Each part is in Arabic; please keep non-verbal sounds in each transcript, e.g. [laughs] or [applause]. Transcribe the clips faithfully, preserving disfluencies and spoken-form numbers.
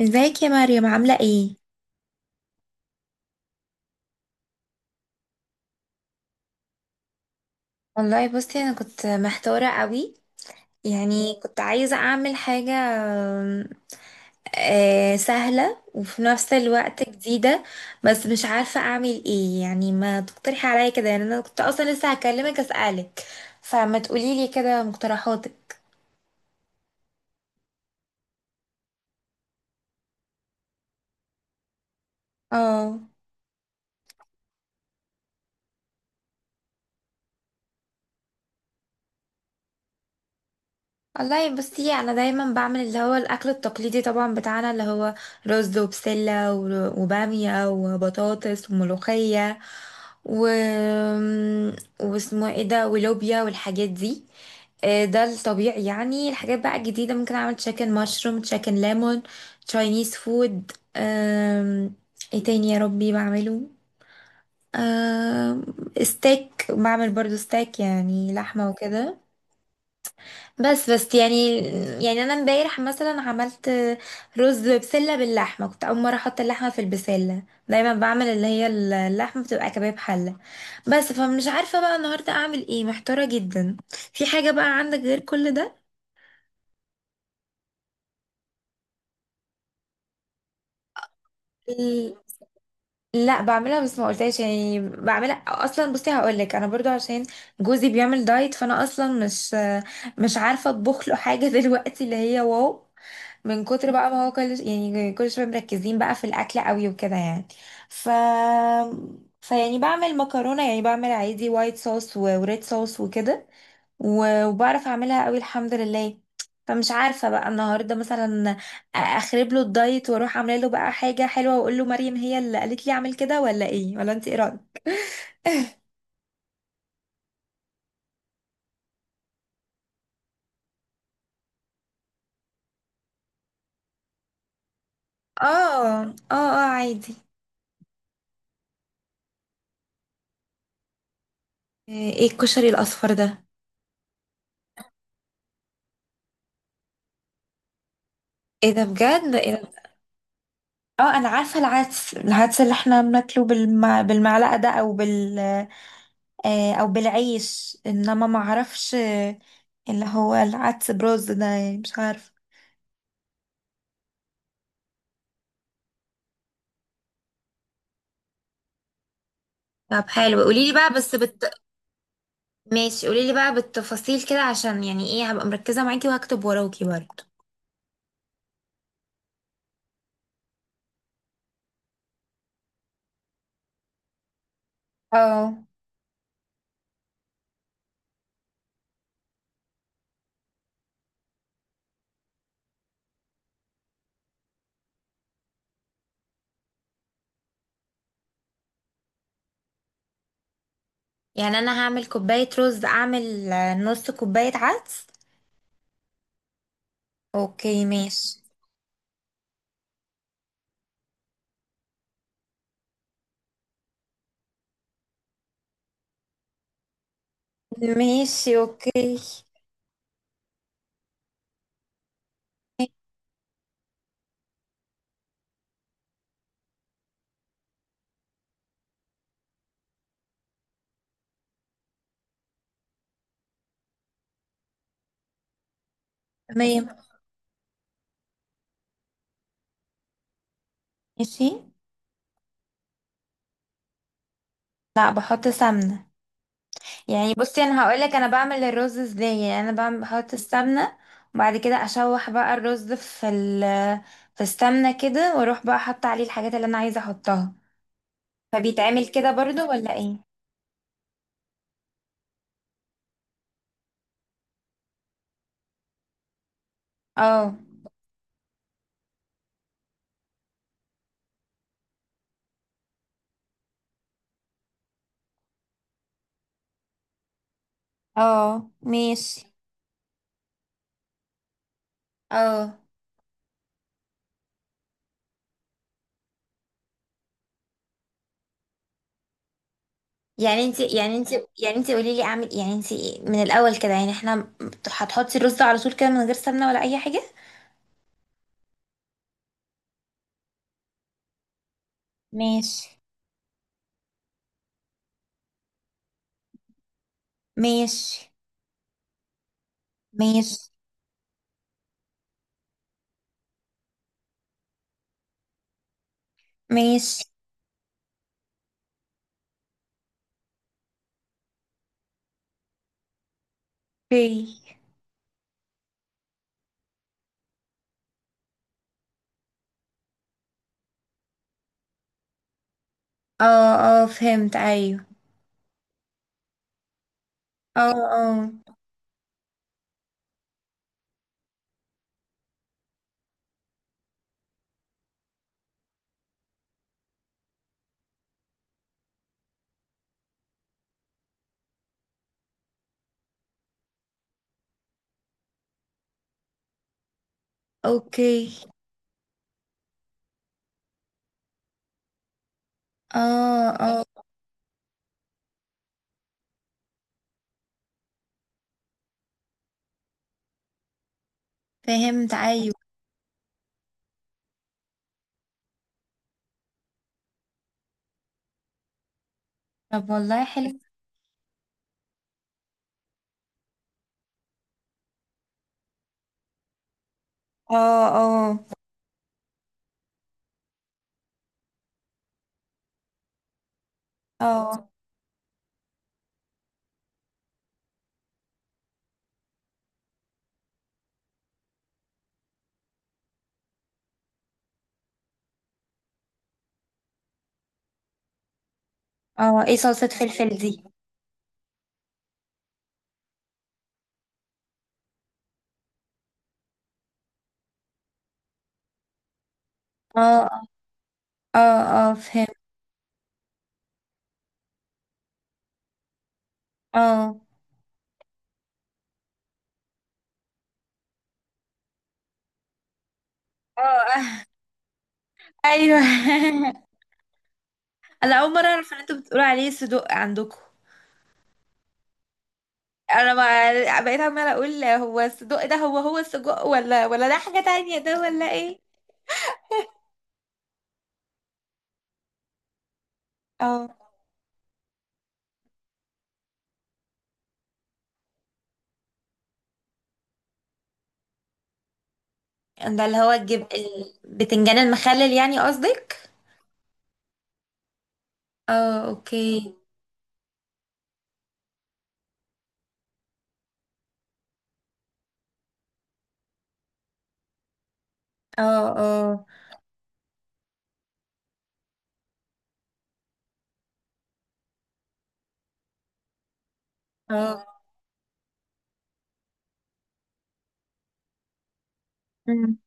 ازيك يا مريم، عاملة ايه؟ والله بصي، انا كنت محتارة قوي. يعني كنت عايزة اعمل حاجة آم، آه، سهلة وفي نفس الوقت جديدة. بس مش عارفة اعمل ايه، يعني ما تقترحي عليا كده. يعني انا كنت اصلا لسه هكلمك اسألك، فما تقوليلي كده مقترحاتك. اه، والله بصي، انا دايما بعمل اللي هو الاكل التقليدي طبعا، بتاعنا اللي هو رز وبسله و- وباميه وبطاطس وملوخيه و... واسمه ايه ده، ولوبيا والحاجات دي. آه، ده الطبيعي. يعني الحاجات بقى الجديده، ممكن اعمل تشيكن مشروم، تشيكن ليمون، تشاينيز فود. آم، ايه تاني يا ربي بعمله؟ آم، ستيك، بعمل برضو ستيك، يعني لحمه وكده. بس بس يعني. يعني انا امبارح مثلا عملت رز بسله باللحمه. كنت اول مره احط اللحمه في البسله، دايما بعمل اللي هي اللحمه بتبقى كباب حله بس. فمش عارفه بقى النهارده اعمل ايه، محتاره جدا. في حاجه بقى عندك غير كل ده؟ ال- لا بعملها، بس ما قلتهاش. يعني بعملها اصلا. بصي هقول لك، انا برضو عشان جوزي بيعمل دايت، فانا اصلا مش مش عارفه اطبخ له حاجه [laughs] دلوقتي اللي هي واو، من كتر بقى ما هو كل، يعني كل شويه مركزين بقى في الاكل قوي وكده يعني. ف فيعني بعمل مكرونه، يعني بعمل عادي، وايت صوص وريد صوص وكده. و- وبعرف اعملها قوي الحمد لله. فمش عارفه بقى النهارده مثلا اخرب له الدايت، واروح عامله له بقى حاجه حلوه، واقول له مريم هي اللي قالت لي اعمل كده، ولا ايه؟ ولا انت ايه رايك؟ اه اه اه، عادي. ايه الكشري الاصفر ده؟ ايه ده بجد؟ ايه ده؟ اه انا عارفه العدس، العدس اللي احنا بناكله بالمع... بالمعلقه ده، او بال آه، او بالعيش، انما ما اعرفش. آه، اللي هو العدس برز ده؟ يعني مش عارفه. طب حلو، قولي لي بقى، بس بت... ماشي قولي لي بقى بالتفاصيل كده، عشان يعني ايه، هبقى مركزة معاكي وهكتب وراكي برضه. اه. يعني انا هعمل كوباية رز، اعمل آه، نص كوباية عدس. اوكي ماشي. ماشي اوكي. تمام. ماشي. لا بحط سمنه. يعني بصي انا هقولك انا بعمل الرز ازاي، يعني انا بعمل بحط السمنه، وبعد كده اشوح بقى الرز في ال في السمنه كده، واروح بقى احط عليه الحاجات اللي انا عايزه احطها. فبيتعمل كده برضو ولا ايه؟ اه اه ماشي. اه، يعني انت يعني انت يعني انت قولي لي اعمل. يعني انت من الاول كده، يعني احنا هتحطي الرز على طول كده من غير سمنه ولا اي حاجه؟ ماشي. ماشي. ماشي. ماشي. اوكي. اه اه فهمت، ايوه. اه اه اوكي. اه اه فهمت، ايوه. طب والله حلو. اه. اه. اه. اه. ايه صلصة فلفل دي؟ اه اه اه فهمت. اه اه آه. ايوه. [laughs] انا اول مرة اعرف ان انتوا بتقولوا عليه صدق عندكم. انا ما بقيت عمالة اقول، هو الصدق ده هو هو السجق، ولا ولا ده حاجة تانية، ده ولا ايه؟ اه، ده اللي هو الجب، البتنجان المخلل يعني قصدك. اه اوكي. اه اه اه. مم.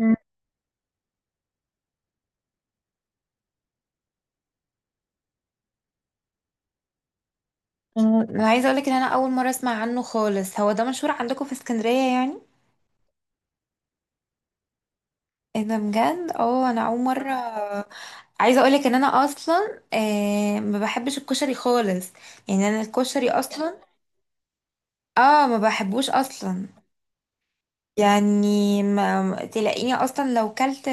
مم. مم. انا عايزه اقولك ان انا اول مره اسمع عنه خالص. هو ده مشهور عندكم في اسكندريه يعني؟ ايه ده بجد؟ اه انا اول مره. عايزه اقولك ان انا اصلا آه ما بحبش الكشري خالص، يعني انا الكشري اصلا، اه ما بحبوش اصلا. يعني ما ما- تلاقيني اصلا، لو كلت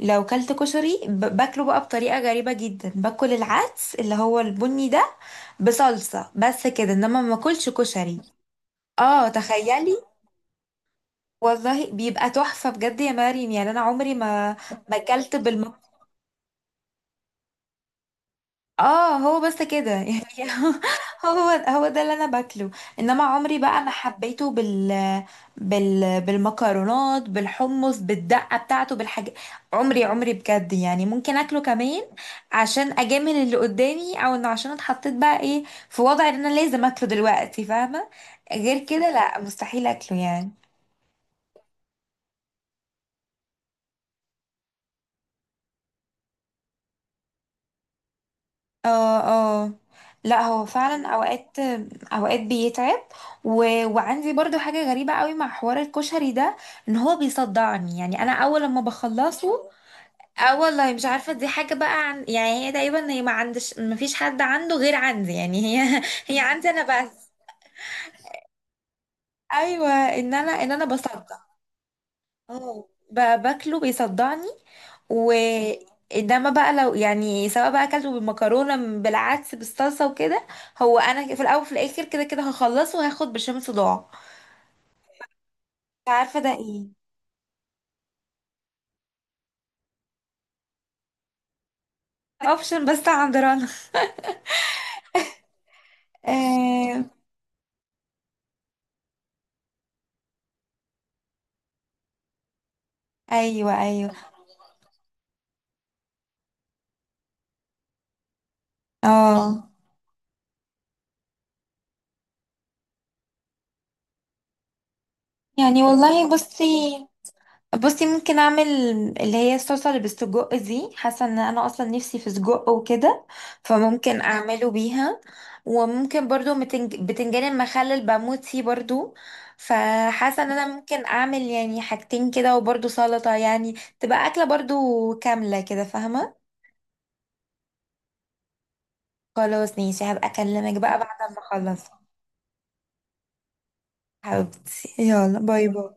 لو كلت كشري، ب- باكله بقى بطريقه غريبه جدا، باكل العدس اللي هو البني ده بصلصه بس كده، انما ما باكلش كشري. اه تخيلي. والله بيبقى تحفة بجد يا مريم يعني. أنا عمري ما، ما أكلت بالم اه هو بس كده [laughs] يعني. هو هو ده اللي أنا باكله. إنما عمري بقى ما حبيته بال... بال... بالمكرونات بالحمص بالدقة بتاعته بالحاجات. عمري عمري بجد، يعني ممكن أكله كمان عشان أجامل اللي قدامي، أو إنه عشان اتحطيت بقى إيه، في وضع إن أنا لازم أكله دلوقتي، فاهمة؟ غير كده لا، مستحيل أكله يعني. اه اه. لا هو فعلا اوقات، اوقات بيتعب. و... وعندي برضو حاجة غريبة قوي مع حوار الكشري ده، ان هو بيصدعني. يعني انا اول لما بخلصه، اه والله مش عارفة. دي حاجة بقى عن... يعني هي تقريبا، هي ما عندش ما فيش حد عنده غير عندي. يعني هي [laughs] هي عندي انا بس. ايوه ان انا ان انا بصدع. اه ب- باكله بيصدعني. وانما بقى لو يعني سواء بقى اكلته بالمكرونه، م- بالعدس بالصلصه وكده، هو انا في الاول وفي الاخر كده كده هخلصه وهاخد برشام صداع. مش عارفه ده ايه. اوبشن بس عند رنا. آه. ايوه ايوه. اه يعني والله بصي، بصي ممكن اعمل اللي هي الصلصه اللي بالسجق دي، حاسه ان انا اصلا نفسي في سجق وكده، فممكن اعمله بيها. وممكن برضو متنج... بتنجان المخلل بموت فيه برضو. فحاسه ان انا ممكن اعمل يعني حاجتين كده، وبرضو سلطه يعني، تبقى اكله برضو كامله كده، فاهمه. خلاص ماشي، هبقى اكلمك بقى بعد ما اخلص. حبيبتي يلا، باي باي.